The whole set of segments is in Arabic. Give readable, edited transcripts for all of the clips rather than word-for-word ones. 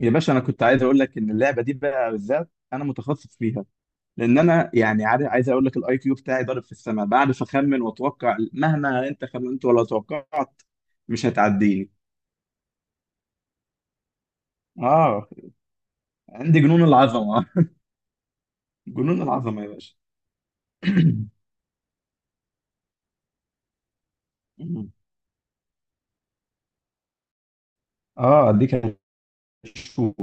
يا باشا، انا كنت عايز اقول لك ان اللعبه دي بقى بالذات انا متخصص فيها. لان انا يعني عارف، عايز اقول لك الاي كيو بتاعي ضارب في السماء، بعرف اخمن واتوقع مهما انت خمنت ولا توقعت. مش هتعديني. اه، عندي جنون العظمه. جنون العظمه يا باشا. اه، اديك. هشوف.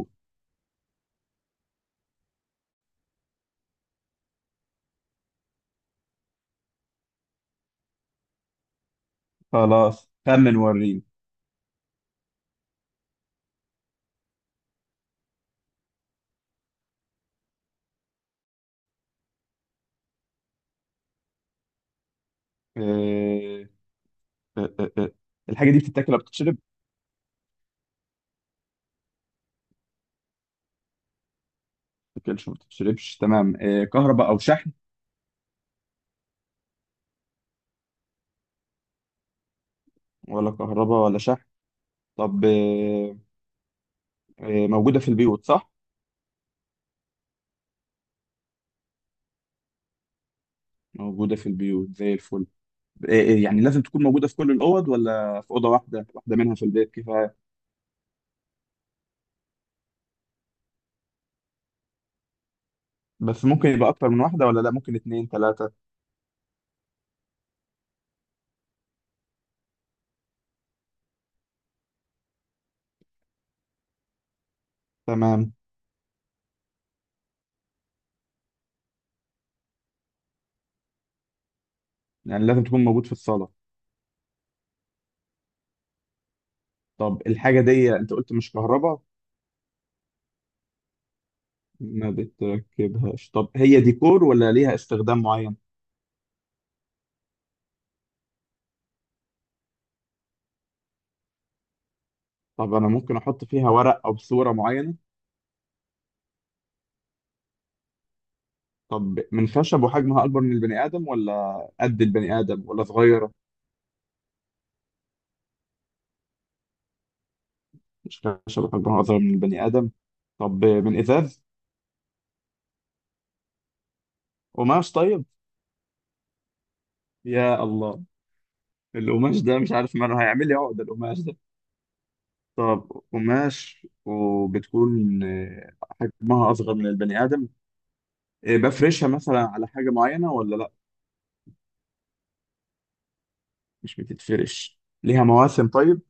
خلاص خمن وريني. آه، آه، آه، آه. الحاجه دي بتتاكل ولا بتتشرب؟ بتتاكلش ما بتتشربش، تمام. آه، كهرباء او شحن؟ ولا كهرباء ولا شحن. طب، آه، آه، موجودة في البيوت صح؟ موجودة في البيوت زي الفل. آه، آه، يعني لازم تكون موجودة في كل الأوض ولا في أوضة واحدة، واحدة منها في البيت كفاية؟ بس ممكن يبقى أكتر من واحدة؟ ولا لا، ممكن اتنين تلاتة؟ تمام. يعني لازم تكون موجود في الصالة. طب الحاجة دي أنت قلت مش كهرباء. ما بتركبهاش. طب هي ديكور ولا ليها استخدام معين؟ طب أنا ممكن أحط فيها ورق أو صورة معينة؟ طب من خشب وحجمها أكبر من البني آدم ولا قد البني آدم ولا صغيرة؟ مش خشب وحجمها أصغر من البني آدم. طب، من إزاز؟ قماش طيب؟ يا الله. القماش ده مش عارف ماله، هيعمل لي عقدة القماش ده. طب، قماش وبتكون آه، حجمها أصغر من البني آدم. آه، بفرشها مثلا على حاجة معينة ولا لأ؟ مش بتتفرش. ليها مواسم طيب؟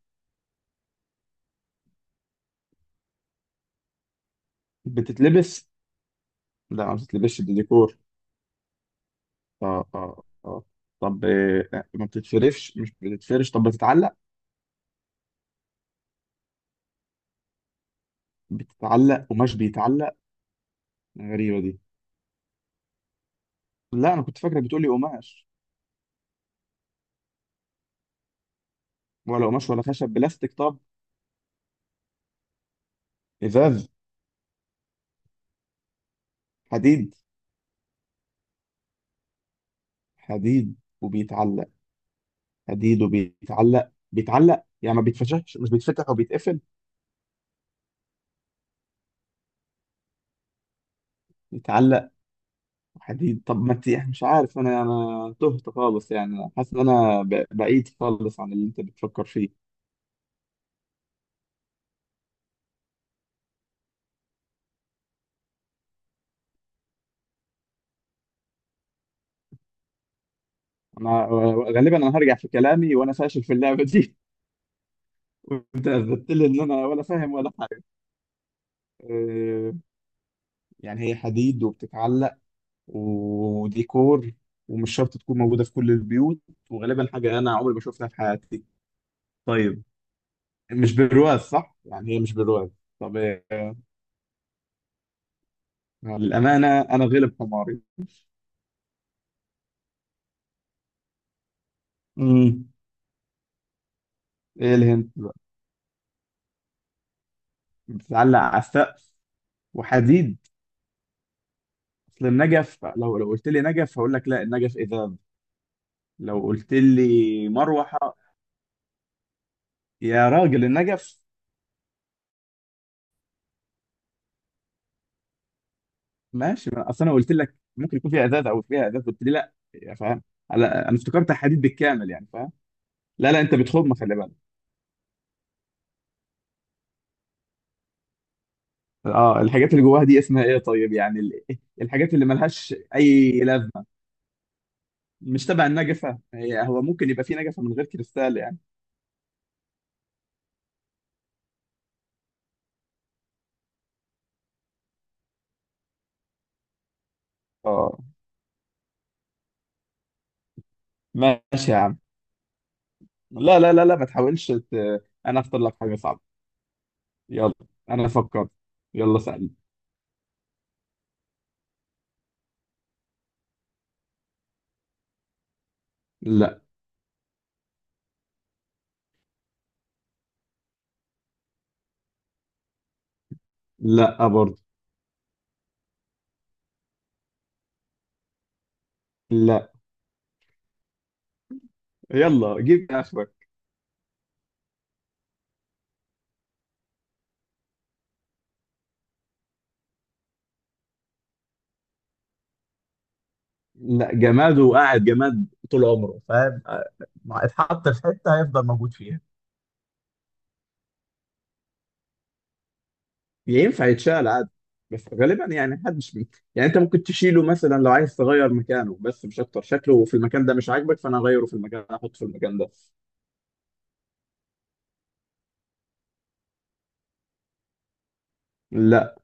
بتتلبس؟ لا، ما بتتلبسش، دي ديكور. اه، اه، اه. طب، آه، ما بتتفرش مش بتتفرش. طب، بتتعلق؟ بتتعلق. قماش بيتعلق؟ غريبة دي. لا، أنا كنت فاكرة بتقولي قماش. ولا قماش ولا خشب. بلاستيك طب؟ إزاز؟ حديد؟ حديد وبيتعلق. حديد وبيتعلق، بيتعلق يعني ما بيتفتحش، مش بيتفتح وبيتقفل؟ بيتعلق. حديد. طب ما انت يعني مش عارف، انا تهت خالص، يعني أنا حاسس ان انا بعيد خالص عن اللي انت بتفكر فيه. انا غالبا انا هرجع في كلامي، وانا فاشل في اللعبه دي. وانت اثبتت لي ان انا ولا فاهم ولا حاجه. أه، يعني هي حديد وبتتعلق وديكور، ومش شرط تكون موجوده في كل البيوت، وغالبا حاجه انا عمري ما شفتها في حياتي. طيب. مش برواز صح؟ يعني هي مش برواز. طب إيه؟ للأمانة أنا غلب حماري. امم. إيه الهنت بقى؟ بتتعلق على السقف؟ وحديد؟ أصل النجف لو قلت لي نجف هقول لك لا، النجف إذاب. لو قلت لي مروحة. يا راجل، النجف. ماشي، ما أصل أنا قلت لك ممكن يكون فيها إزاز، أو فيها إزاز قلت لي لا يا فاهم. أنا افتكرت حديد بالكامل يعني فاهم. لا، لا، أنت بتخم، خلي بالك. اه، الحاجات اللي جواها دي اسمها إيه طيب؟ يعني الحاجات اللي ملهاش أي لازمة. مش تبع النجفة هي، هو ممكن يبقى في نجفة من غير كريستال يعني. اه. ماشي يا عم. لا، لا، لا، لا، ما تحاولش انا اختار لك حاجة صعبة. يلا. انا فكرت. يلا سألني. لا. لا برضه. لا. يلا جيب اخرك. لا، جماد وقاعد جماد طول عمره فاهم. ما اتحط في حتة هيفضل موجود فيها. ينفع يتشال عادي. بس غالبا يعني محدش بي. يعني انت ممكن تشيله مثلا لو عايز تغير مكانه، بس مش اكتر، شكله في المكان ده مش عاجبك فانا اغيره في المكان، احطه في المكان ده. لا.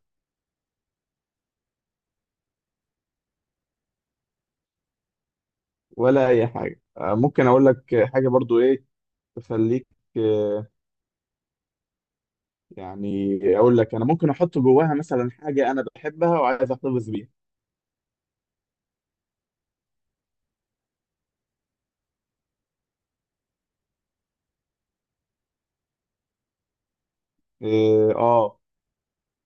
ولا اي حاجه. ممكن اقول لك حاجه برضو ايه تخليك، آه، يعني اقول لك انا ممكن احط جواها مثلا حاجه انا بحبها وعايز احتفظ بيها. إيه، اه.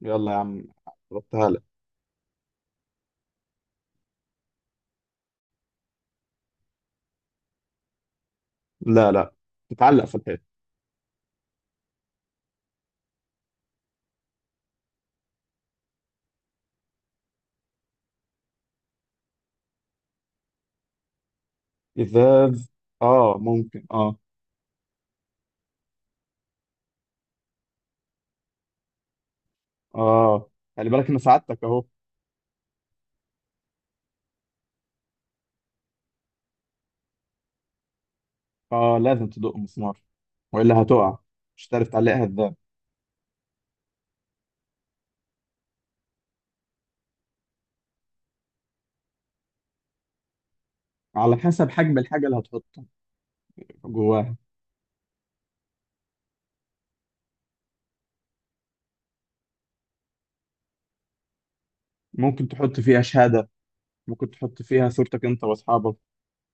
يلا يا عم. ربطها لك. لا، لا. تتعلق في الحيط. ازاز. اه، ممكن اه. اه، خلي بالك ان سعادتك اهو. اه، لازم تدق مسمار. والا هتقع. مش هتعرف تعلقها ازاي. على حسب حجم الحاجه اللي هتحطها جواها. ممكن تحط فيها شهاده. ممكن تحط فيها صورتك انت واصحابك.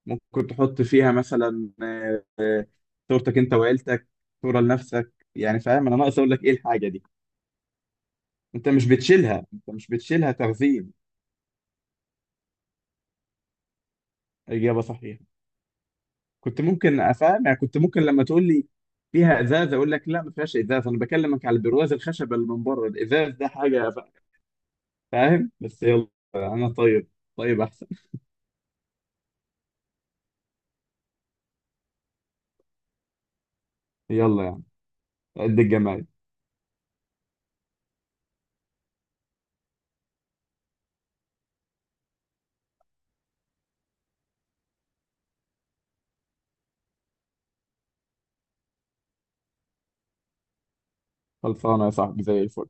ممكن تحط فيها مثلا صورتك انت وعيلتك. صورة لنفسك. يعني فاهم، انا ناقص اقول لك ايه الحاجة دي. انت مش بتشيلها تخزين. اجابة صحيحة. كنت ممكن افهم، يعني كنت ممكن لما تقول لي فيها ازاز اقول لك لا، ما فيهاش ازاز، انا بكلمك على البرواز الخشب اللي من بره الازاز ده حاجة فاهم بس يلا. انا طيب. طيب احسن. يلا يعني. قد الجمال. خلصانة يا صاحبي زي الفل.